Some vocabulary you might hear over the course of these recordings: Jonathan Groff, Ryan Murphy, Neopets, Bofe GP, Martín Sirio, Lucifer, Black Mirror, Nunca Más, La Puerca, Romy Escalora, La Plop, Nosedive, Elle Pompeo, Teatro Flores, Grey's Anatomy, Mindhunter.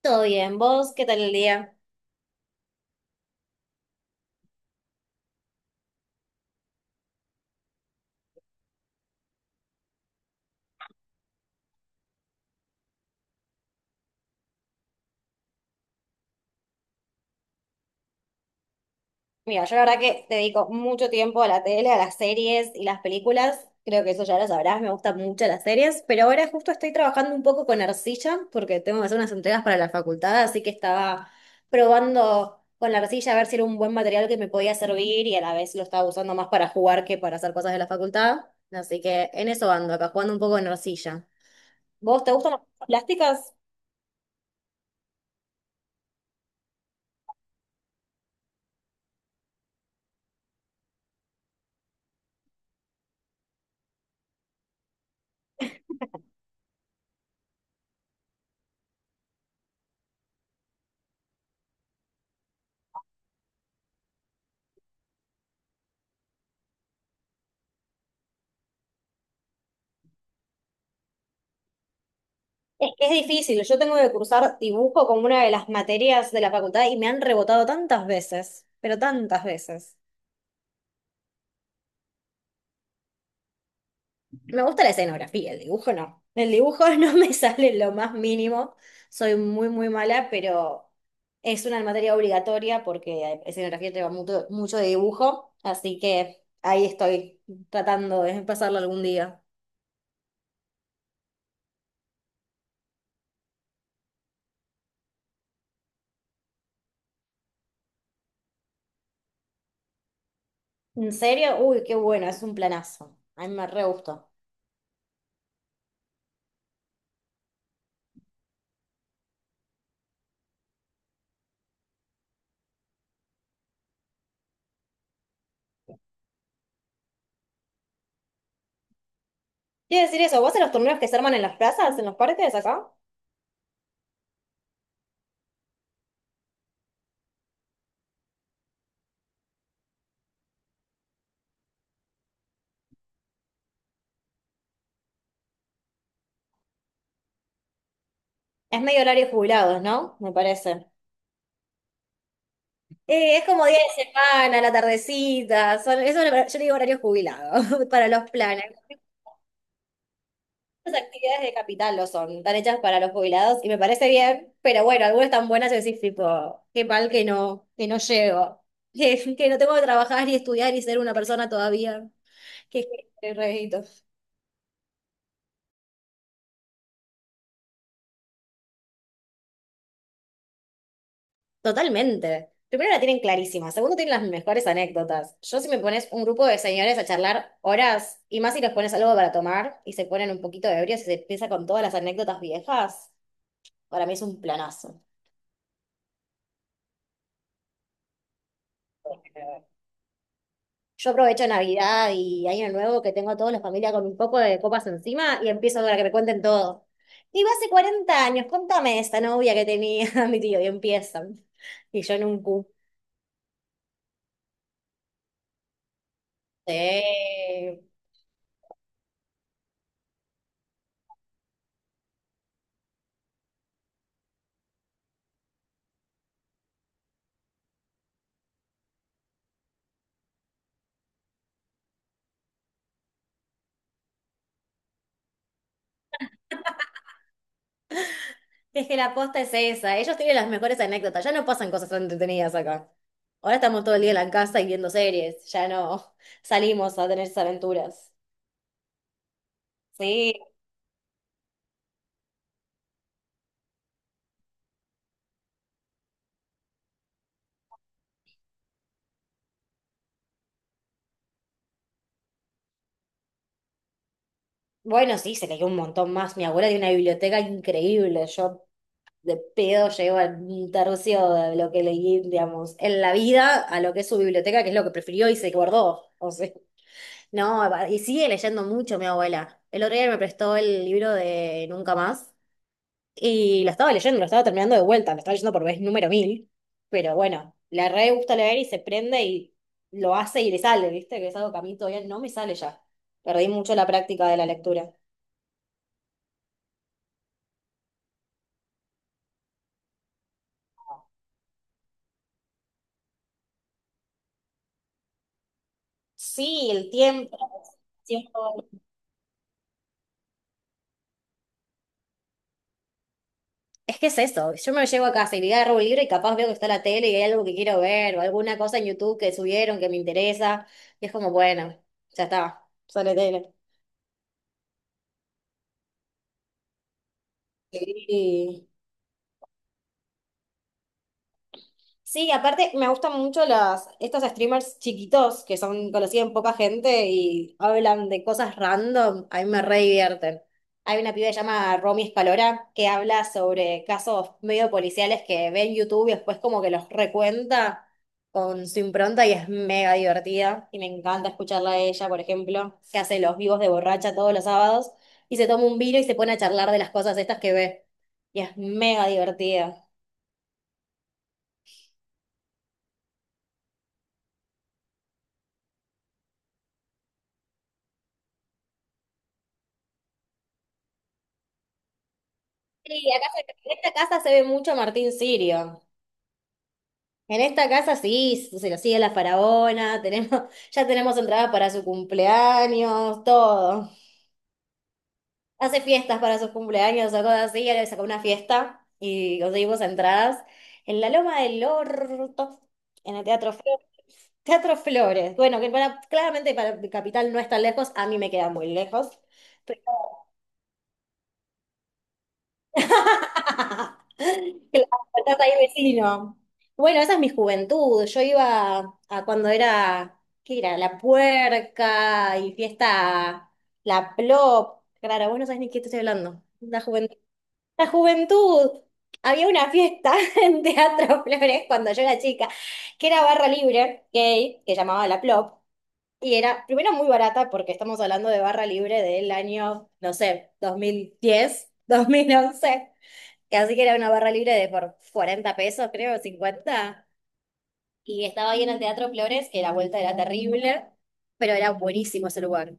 Todo bien, ¿vos qué tal el día? Mira, yo la verdad que dedico mucho tiempo a la tele, a las series y las películas. Creo que eso ya lo sabrás, me gustan mucho las series, pero ahora justo estoy trabajando un poco con arcilla porque tengo que hacer unas entregas para la facultad, así que estaba probando con la arcilla a ver si era un buen material que me podía servir y a la vez lo estaba usando más para jugar que para hacer cosas de la facultad. Así que en eso ando acá, jugando un poco con arcilla. ¿Vos te gustan las plásticas? Es que es difícil. Yo tengo que cursar dibujo como una de las materias de la facultad y me han rebotado tantas veces, pero tantas veces. Me gusta la escenografía, el dibujo no. El dibujo no me sale lo más mínimo. Soy muy, muy mala, pero es una materia obligatoria porque escenografía lleva mucho, mucho de dibujo, así que ahí estoy tratando de pasarlo algún día. ¿En serio? Uy, qué bueno, es un planazo. A mí me re gustó. Quiero decir eso, ¿vos en los torneos que se arman en las plazas, en los parques acá? Es medio horario jubilados, ¿no? Me parece. Es como día de semana, la tardecita. Yo le digo horario jubilado para los planes. Muchas actividades de capital lo son, están hechas para los jubilados y me parece bien, pero bueno, algunas tan buenas que decís tipo, qué mal que no llego, que no tengo que trabajar ni estudiar ni ser una persona todavía. Qué, qué, qué Totalmente. Primero la tienen clarísima, segundo tienen las mejores anécdotas. Yo si me pones un grupo de señores a charlar horas y más si les pones algo para tomar y se ponen un poquito ebrios y se empieza con todas las anécdotas viejas, para mí es un planazo. Yo aprovecho Navidad y Año Nuevo que tengo a toda la familia con un poco de copas encima y empiezo a que me cuenten todo. Digo, hace 40 años, contame esta novia que tenía mi tío y empiezan. Y yo en un cu. Sí. Es que la posta es esa. Ellos tienen las mejores anécdotas. Ya no pasan cosas tan entretenidas acá. Ahora estamos todo el día en la casa y viendo series. Ya no salimos a tener esas aventuras. Sí. Bueno, sí, se cayó un montón más. Mi abuela tiene una biblioteca increíble. Yo de pedo llego a un tercio de lo que leí, digamos, en la vida a lo que es su biblioteca, que es lo que prefirió y se guardó. O sea, no, y sigue leyendo mucho mi abuela. El otro día me prestó el libro de Nunca Más. Y lo estaba leyendo, lo estaba terminando de vuelta, lo estaba leyendo por vez número mil, pero bueno, la re gusta leer y se prende y lo hace y le sale, ¿viste? Que es algo que a mí todavía no me sale ya. Perdí mucho la práctica de la lectura. Sí, el tiempo. El tiempo. Es que es eso, yo me llevo a casa y le agarro un libro y capaz veo que está la tele y hay algo que quiero ver o alguna cosa en YouTube que subieron que me interesa y es como, bueno, ya está, sale tele. Sí. Sí, aparte me gustan mucho estos streamers chiquitos que son conocidos en poca gente y hablan de cosas random, a mí me re divierten. Hay una piba que se llama Romy Escalora que habla sobre casos medio policiales que ve en YouTube y después como que los recuenta con su impronta y es mega divertida y me encanta escucharla a ella, por ejemplo, que hace los vivos de borracha todos los sábados y se toma un vino y se pone a charlar de las cosas estas que ve y es mega divertida. Sí, acá en esta casa se ve mucho Martín Sirio. En esta casa sí, se lo sigue la faraona, ya tenemos entradas para su cumpleaños, todo. Hace fiestas para sus cumpleaños, sacó así, ya le sacó una fiesta y conseguimos entradas en la Loma del Orto, en el Teatro Flores. Teatro Flores, bueno, que claramente para Capital no es tan lejos, a mí me queda muy lejos. Claro, estás ahí vecino. Bueno, esa es mi juventud. Yo iba a cuando era, ¿qué era? La Puerca y fiesta, la Plop. Claro, vos no sabés ni qué te estoy hablando. La juventud. La juventud. Había una fiesta en Teatro Flores cuando yo era chica, que era barra libre, gay, que llamaba la Plop. Y era, primero, muy barata, porque estamos hablando de barra libre del año, no sé, dos mil diez 2011. Así que era una barra libre de por 40 pesos, creo, 50. Y estaba ahí en el Teatro Flores, que la vuelta era terrible, pero era buenísimo ese lugar.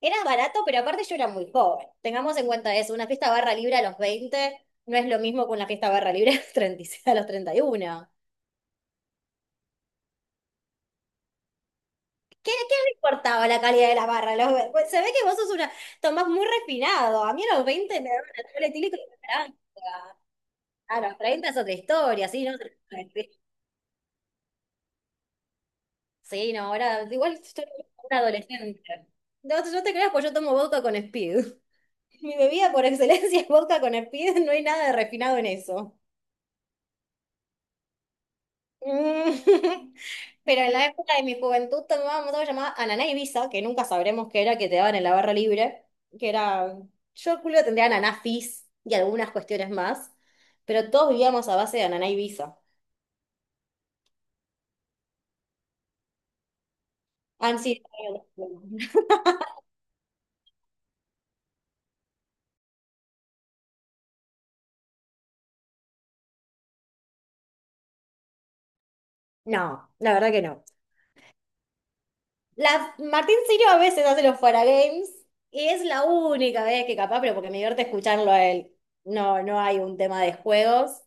Era barato, pero aparte yo era muy joven. Tengamos en cuenta eso, una fiesta barra libre a los 20 no es lo mismo que una fiesta barra libre a los 36, a los 31. ¿Qué le importaba la calidad de la barra? Pues se ve que vos sos tomás muy refinado. A mí a los 20 me daban una tabla etílico y una naranja. A los 30 es otra historia, sí, no, sí, no, ahora igual estoy una adolescente. No, no te creas, pues yo tomo vodka con Speed. Mi bebida por excelencia es vodka con Speed, no hay nada de refinado en eso. Mm. Pero en la época de mi juventud tomábamos algo llamado ananá Ibiza, que nunca sabremos qué era, que te daban en la barra libre, que era, yo culo tendría ananá fizz y algunas cuestiones más, pero todos vivíamos a base de ananá Ibiza. Han sido... No, la verdad que no. La Martín Sirio a veces hace los Fuera Games y es la única vez que capaz, pero porque me divierte escucharlo a él. No, no hay un tema de juegos.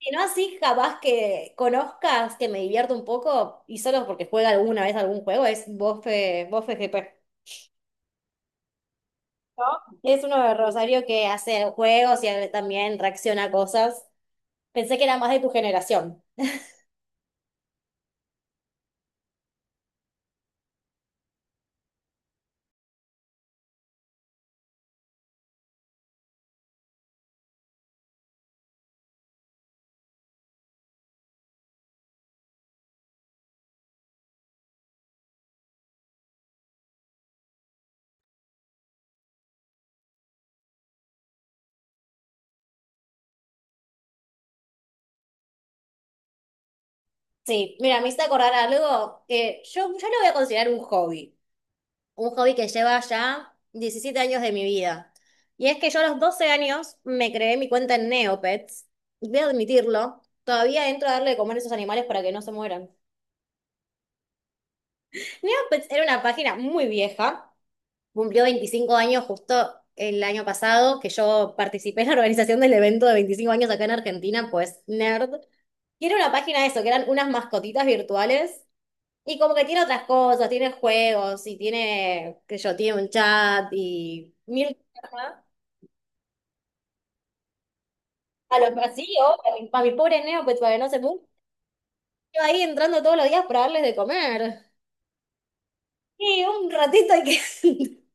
Y no así capaz que conozcas, que me divierto un poco y solo porque juega alguna vez algún juego, es Bofe GP. Es uno de Rosario que hace juegos y él también reacciona a cosas. Pensé que era más de tu generación. Sí, mira, me hice acordar algo que yo lo voy a considerar un hobby. Un hobby que lleva ya 17 años de mi vida. Y es que yo a los 12 años me creé mi cuenta en Neopets, y voy a admitirlo, todavía entro a darle de comer a esos animales para que no se mueran. Neopets era una página muy vieja. Cumplió 25 años justo el año pasado, que yo participé en la organización del evento de 25 años acá en Argentina, pues nerd. Tiene una página de eso, que eran unas mascotitas virtuales. Y como que tiene otras cosas, tiene juegos y tiene, qué sé yo, tiene un chat y mil cosas. A los vacíos, a mi pobre neo, pues para que no se muera. Yo ahí entrando todos los días para darles de comer. Y un ratito hay que...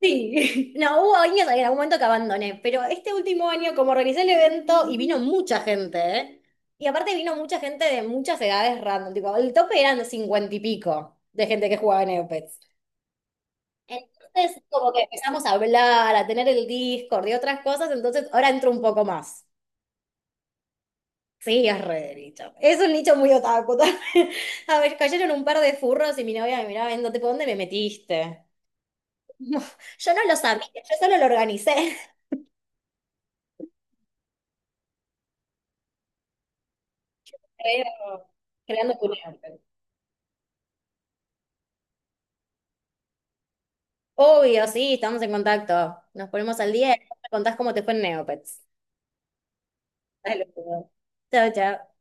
Sí, no, hubo años en algún momento que abandoné, pero este último año como organizé el evento y vino mucha gente, ¿eh? Y aparte vino mucha gente de muchas edades random, tipo, el tope eran los 50 y pico de gente que jugaba en Neopets. Entonces, como que empezamos a hablar, a tener el Discord y otras cosas, entonces ahora entro un poco más. Sí, es re de nicho. Es un nicho muy otaku también. A ver, cayeron un par de furros y mi novia me miraba viendo, tipo, ¿dónde me metiste? Yo no lo sabía, yo solo lo organicé. Creo, Creando tu Neopets. Obvio, sí, estamos en contacto. Nos ponemos al día y me contás cómo te fue en Neopets. Dale, pues. Chao, chao.